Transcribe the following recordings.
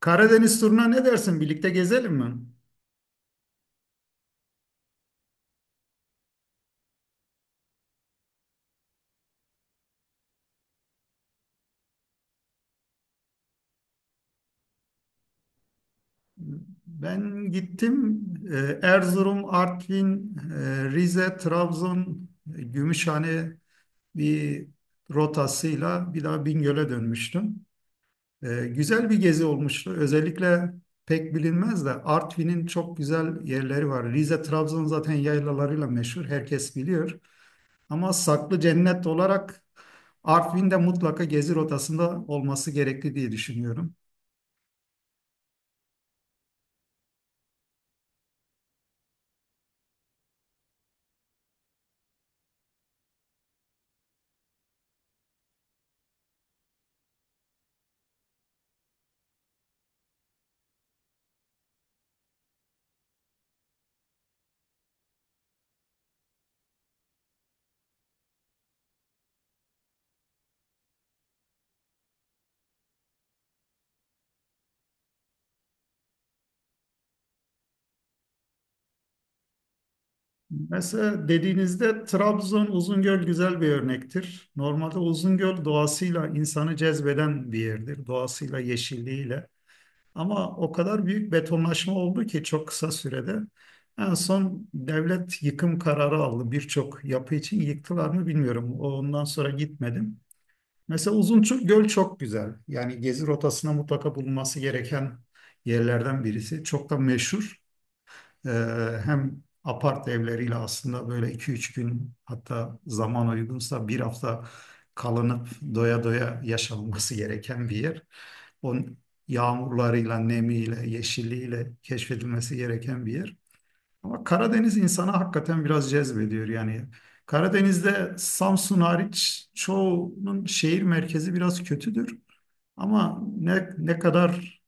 Karadeniz turuna ne dersin? Birlikte gezelim mi? Ben gittim. Erzurum, Artvin, Rize, Trabzon, Gümüşhane bir rotasıyla bir daha Bingöl'e dönmüştüm. Güzel bir gezi olmuştu. Özellikle pek bilinmez de Artvin'in çok güzel yerleri var. Rize, Trabzon zaten yaylalarıyla meşhur. Herkes biliyor. Ama saklı cennet olarak Artvin'de mutlaka gezi rotasında olması gerekli diye düşünüyorum. Mesela dediğinizde Trabzon Uzungöl güzel bir örnektir. Normalde Uzungöl doğasıyla insanı cezbeden bir yerdir. Doğasıyla, yeşilliğiyle. Ama o kadar büyük betonlaşma oldu ki çok kısa sürede. En son devlet yıkım kararı aldı. Birçok yapı için yıktılar mı bilmiyorum. Ondan sonra gitmedim. Mesela Uzungöl çok güzel. Yani gezi rotasına mutlaka bulunması gereken yerlerden birisi. Çok da meşhur. Ee, hem apart evleriyle aslında böyle 2-3 gün hatta zaman uygunsa bir hafta kalınıp doya doya yaşanması gereken bir yer. Onun yağmurlarıyla, nemiyle, yeşilliğiyle keşfedilmesi gereken bir yer. Ama Karadeniz insana hakikaten biraz cezbediyor yani. Karadeniz'de Samsun hariç çoğunun şehir merkezi biraz kötüdür. Ama ne kadar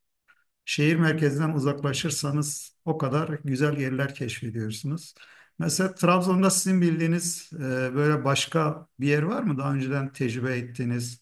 şehir merkezinden uzaklaşırsanız o kadar güzel yerler keşfediyorsunuz. Mesela Trabzon'da sizin bildiğiniz böyle başka bir yer var mı? Daha önceden tecrübe ettiğiniz.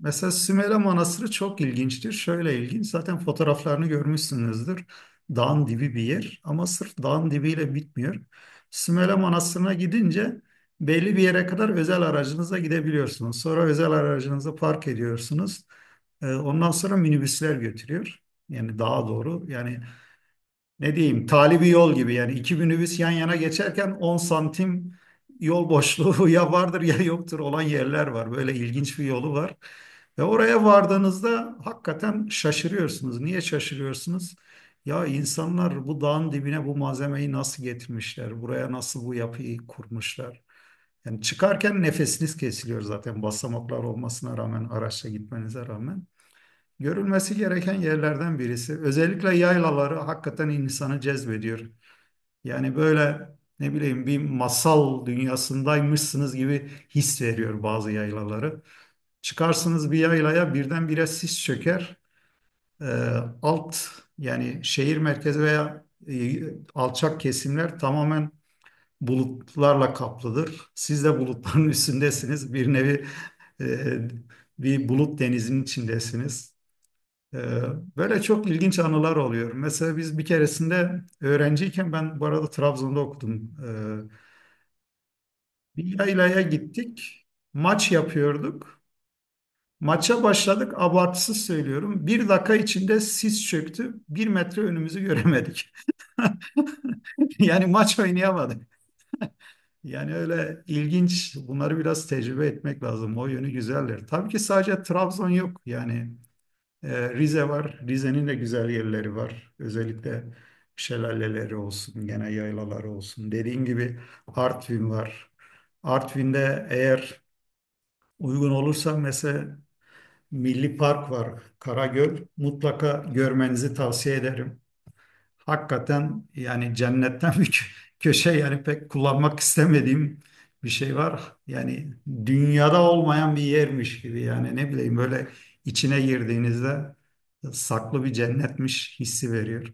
Mesela Sümele Manastırı çok ilginçtir. Şöyle ilginç, zaten fotoğraflarını görmüşsünüzdür. Dağın dibi bir yer ama sırf dağın dibiyle bitmiyor. Sümele Manastırı'na gidince belli bir yere kadar özel aracınıza gidebiliyorsunuz. Sonra özel aracınızı park ediyorsunuz. Ondan sonra minibüsler götürüyor. Yani daha doğru. Yani ne diyeyim talibi yol gibi yani iki minibüs yan yana geçerken 10 santim yol boşluğu ya vardır ya yoktur olan yerler var. Böyle ilginç bir yolu var. Ve oraya vardığınızda hakikaten şaşırıyorsunuz. Niye şaşırıyorsunuz? Ya insanlar bu dağın dibine bu malzemeyi nasıl getirmişler? Buraya nasıl bu yapıyı kurmuşlar? Yani çıkarken nefesiniz kesiliyor zaten basamaklar olmasına rağmen, araçla gitmenize rağmen. Görülmesi gereken yerlerden birisi. Özellikle yaylaları hakikaten insanı cezbediyor. Yani böyle ne bileyim bir masal dünyasındaymışsınız gibi his veriyor bazı yaylaları. Çıkarsınız bir yaylaya birdenbire sis çöker. Ee, alt yani şehir merkezi veya alçak kesimler tamamen bulutlarla kaplıdır. Siz de bulutların üstündesiniz. Bir nevi e, bir bulut denizinin içindesiniz. Ee, Böyle çok ilginç anılar oluyor. Mesela biz bir keresinde öğrenciyken ben bu arada Trabzon'da okudum. Bir yaylaya gittik. Maç yapıyorduk. Maça başladık. Abartısız söylüyorum. Bir dakika içinde sis çöktü. Bir metre önümüzü göremedik. Yani maç oynayamadık. Yani öyle ilginç. Bunları biraz tecrübe etmek lazım. O yönü güzeller. Tabii ki sadece Trabzon yok. Yani Rize var. Rize'nin de güzel yerleri var. Özellikle şelaleleri olsun, gene yaylaları olsun. Dediğim gibi Artvin var. Artvin'de eğer uygun olursa mesela Milli Park var, Karagöl. Mutlaka görmenizi tavsiye ederim. Hakikaten yani cennetten bir köşe yani pek kullanmak istemediğim bir şey var. Yani dünyada olmayan bir yermiş gibi yani ne bileyim böyle içine girdiğinizde saklı bir cennetmiş hissi veriyor.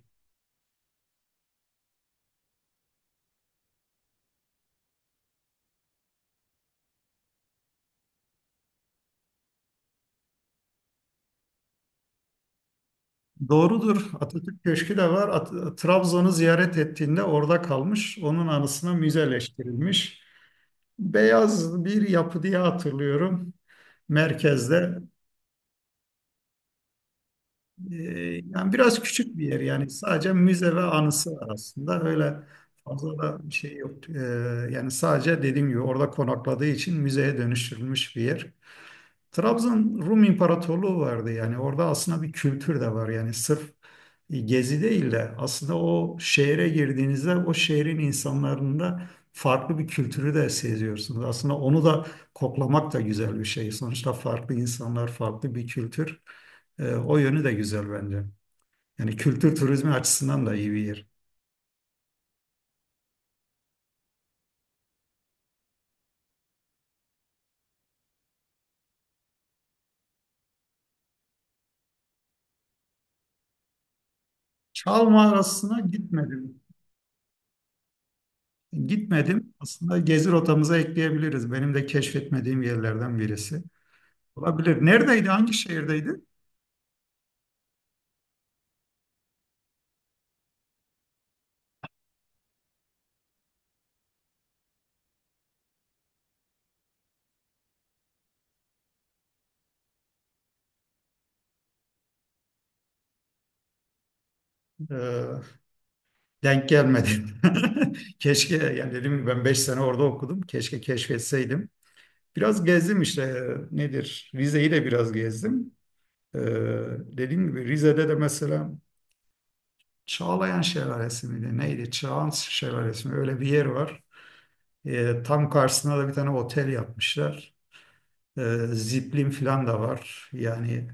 Doğrudur. Atatürk Köşkü de var. Trabzon'u ziyaret ettiğinde orada kalmış. Onun anısına müzeleştirilmiş. Beyaz bir yapı diye hatırlıyorum. Merkezde. Yani biraz küçük bir yer yani sadece müze ve anısı var aslında öyle fazla da bir şey yok. Yani sadece dediğim gibi orada konakladığı için müzeye dönüştürülmüş bir yer. Trabzon Rum İmparatorluğu vardı yani orada aslında bir kültür de var yani sırf gezi değil de aslında o şehre girdiğinizde o şehrin insanlarında farklı bir kültürü de seziyorsunuz. Aslında onu da koklamak da güzel bir şey. Sonuçta farklı insanlar, farklı bir kültür. O yönü de güzel bence. Yani kültür turizmi açısından da iyi bir yer. Çal mağarasına gitmedim. Gitmedim. Aslında gezi rotamıza ekleyebiliriz. Benim de keşfetmediğim yerlerden birisi. Olabilir. Neredeydi? Hangi şehirdeydi? Ee, denk gelmedi. Keşke yani dedim ki ben 5 sene orada okudum. Keşke keşfetseydim. Biraz gezdim işte nedir? Rize'yi de biraz gezdim. Ee, dediğim gibi Rize'de de mesela Çağlayan Şelalesi miydi? Neydi? Çağan Şelalesi mi? Öyle bir yer var. Tam karşısına da bir tane otel yapmışlar. Ziplin falan da var. Yani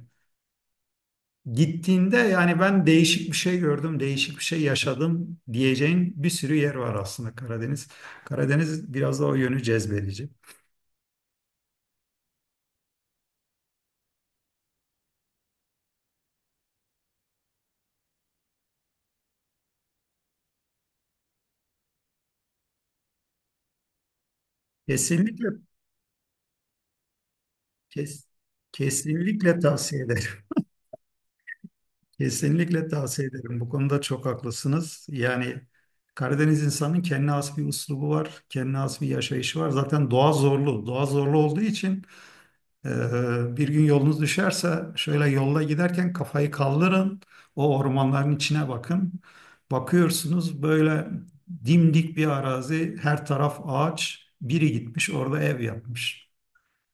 gittiğinde yani ben değişik bir şey gördüm, değişik bir şey yaşadım diyeceğin bir sürü yer var aslında Karadeniz. Karadeniz biraz da o yönü cezbedici. Kesinlikle kes, tavsiye ederim. Kesinlikle tavsiye ederim. Bu konuda çok haklısınız. Yani Karadeniz insanının kendine has bir üslubu var, kendine has bir yaşayışı var. Zaten doğa zorlu. Doğa zorlu olduğu için e, bir gün yolunuz düşerse şöyle yolda giderken kafayı kaldırın, o ormanların içine bakın. Bakıyorsunuz böyle dimdik bir arazi, her taraf ağaç, biri gitmiş orada ev yapmış.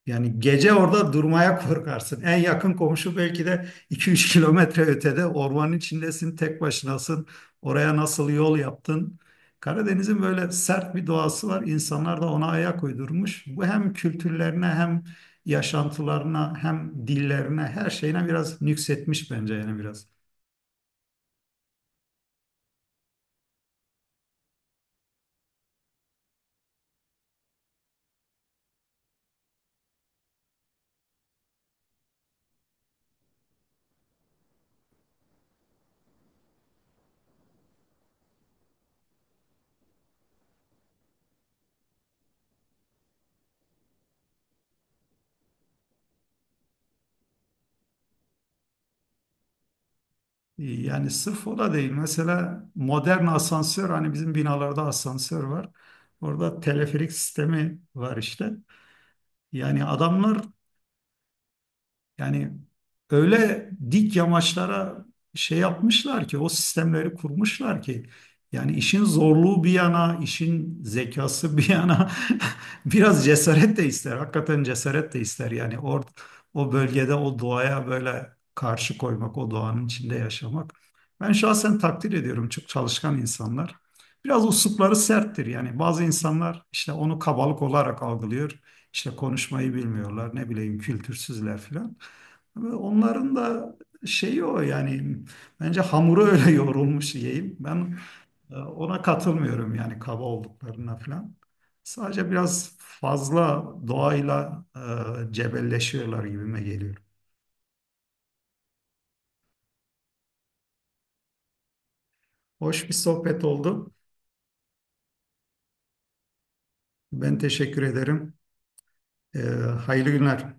Yani gece orada durmaya korkarsın. En yakın komşu belki de 2-3 kilometre ötede ormanın içindesin, tek başınasın. Oraya nasıl yol yaptın? Karadeniz'in böyle sert bir doğası var. İnsanlar da ona ayak uydurmuş. Bu hem kültürlerine hem yaşantılarına hem dillerine her şeyine biraz nüksetmiş bence yani biraz. Yani sırf o da değil. Mesela modern asansör hani bizim binalarda asansör var. Orada teleferik sistemi var işte. Yani adamlar Yani öyle dik yamaçlara şey yapmışlar ki o sistemleri kurmuşlar ki yani işin zorluğu bir yana, işin zekası bir yana biraz cesaret de ister. Hakikaten cesaret de ister. Yani o bölgede o doğaya böyle karşı koymak, o doğanın içinde yaşamak. Ben şahsen takdir ediyorum çok çalışkan insanlar. Biraz usupları serttir yani bazı insanlar işte onu kabalık olarak algılıyor. İşte konuşmayı bilmiyorlar, ne bileyim kültürsüzler filan. Ve onların da şeyi o yani bence hamuru öyle yoğrulmuş yiyeyim. Ben ona katılmıyorum yani kaba olduklarına falan. Sadece biraz fazla doğayla cebelleşiyorlar gibime geliyor. Hoş bir sohbet oldu. Ben teşekkür ederim. E, hayırlı günler.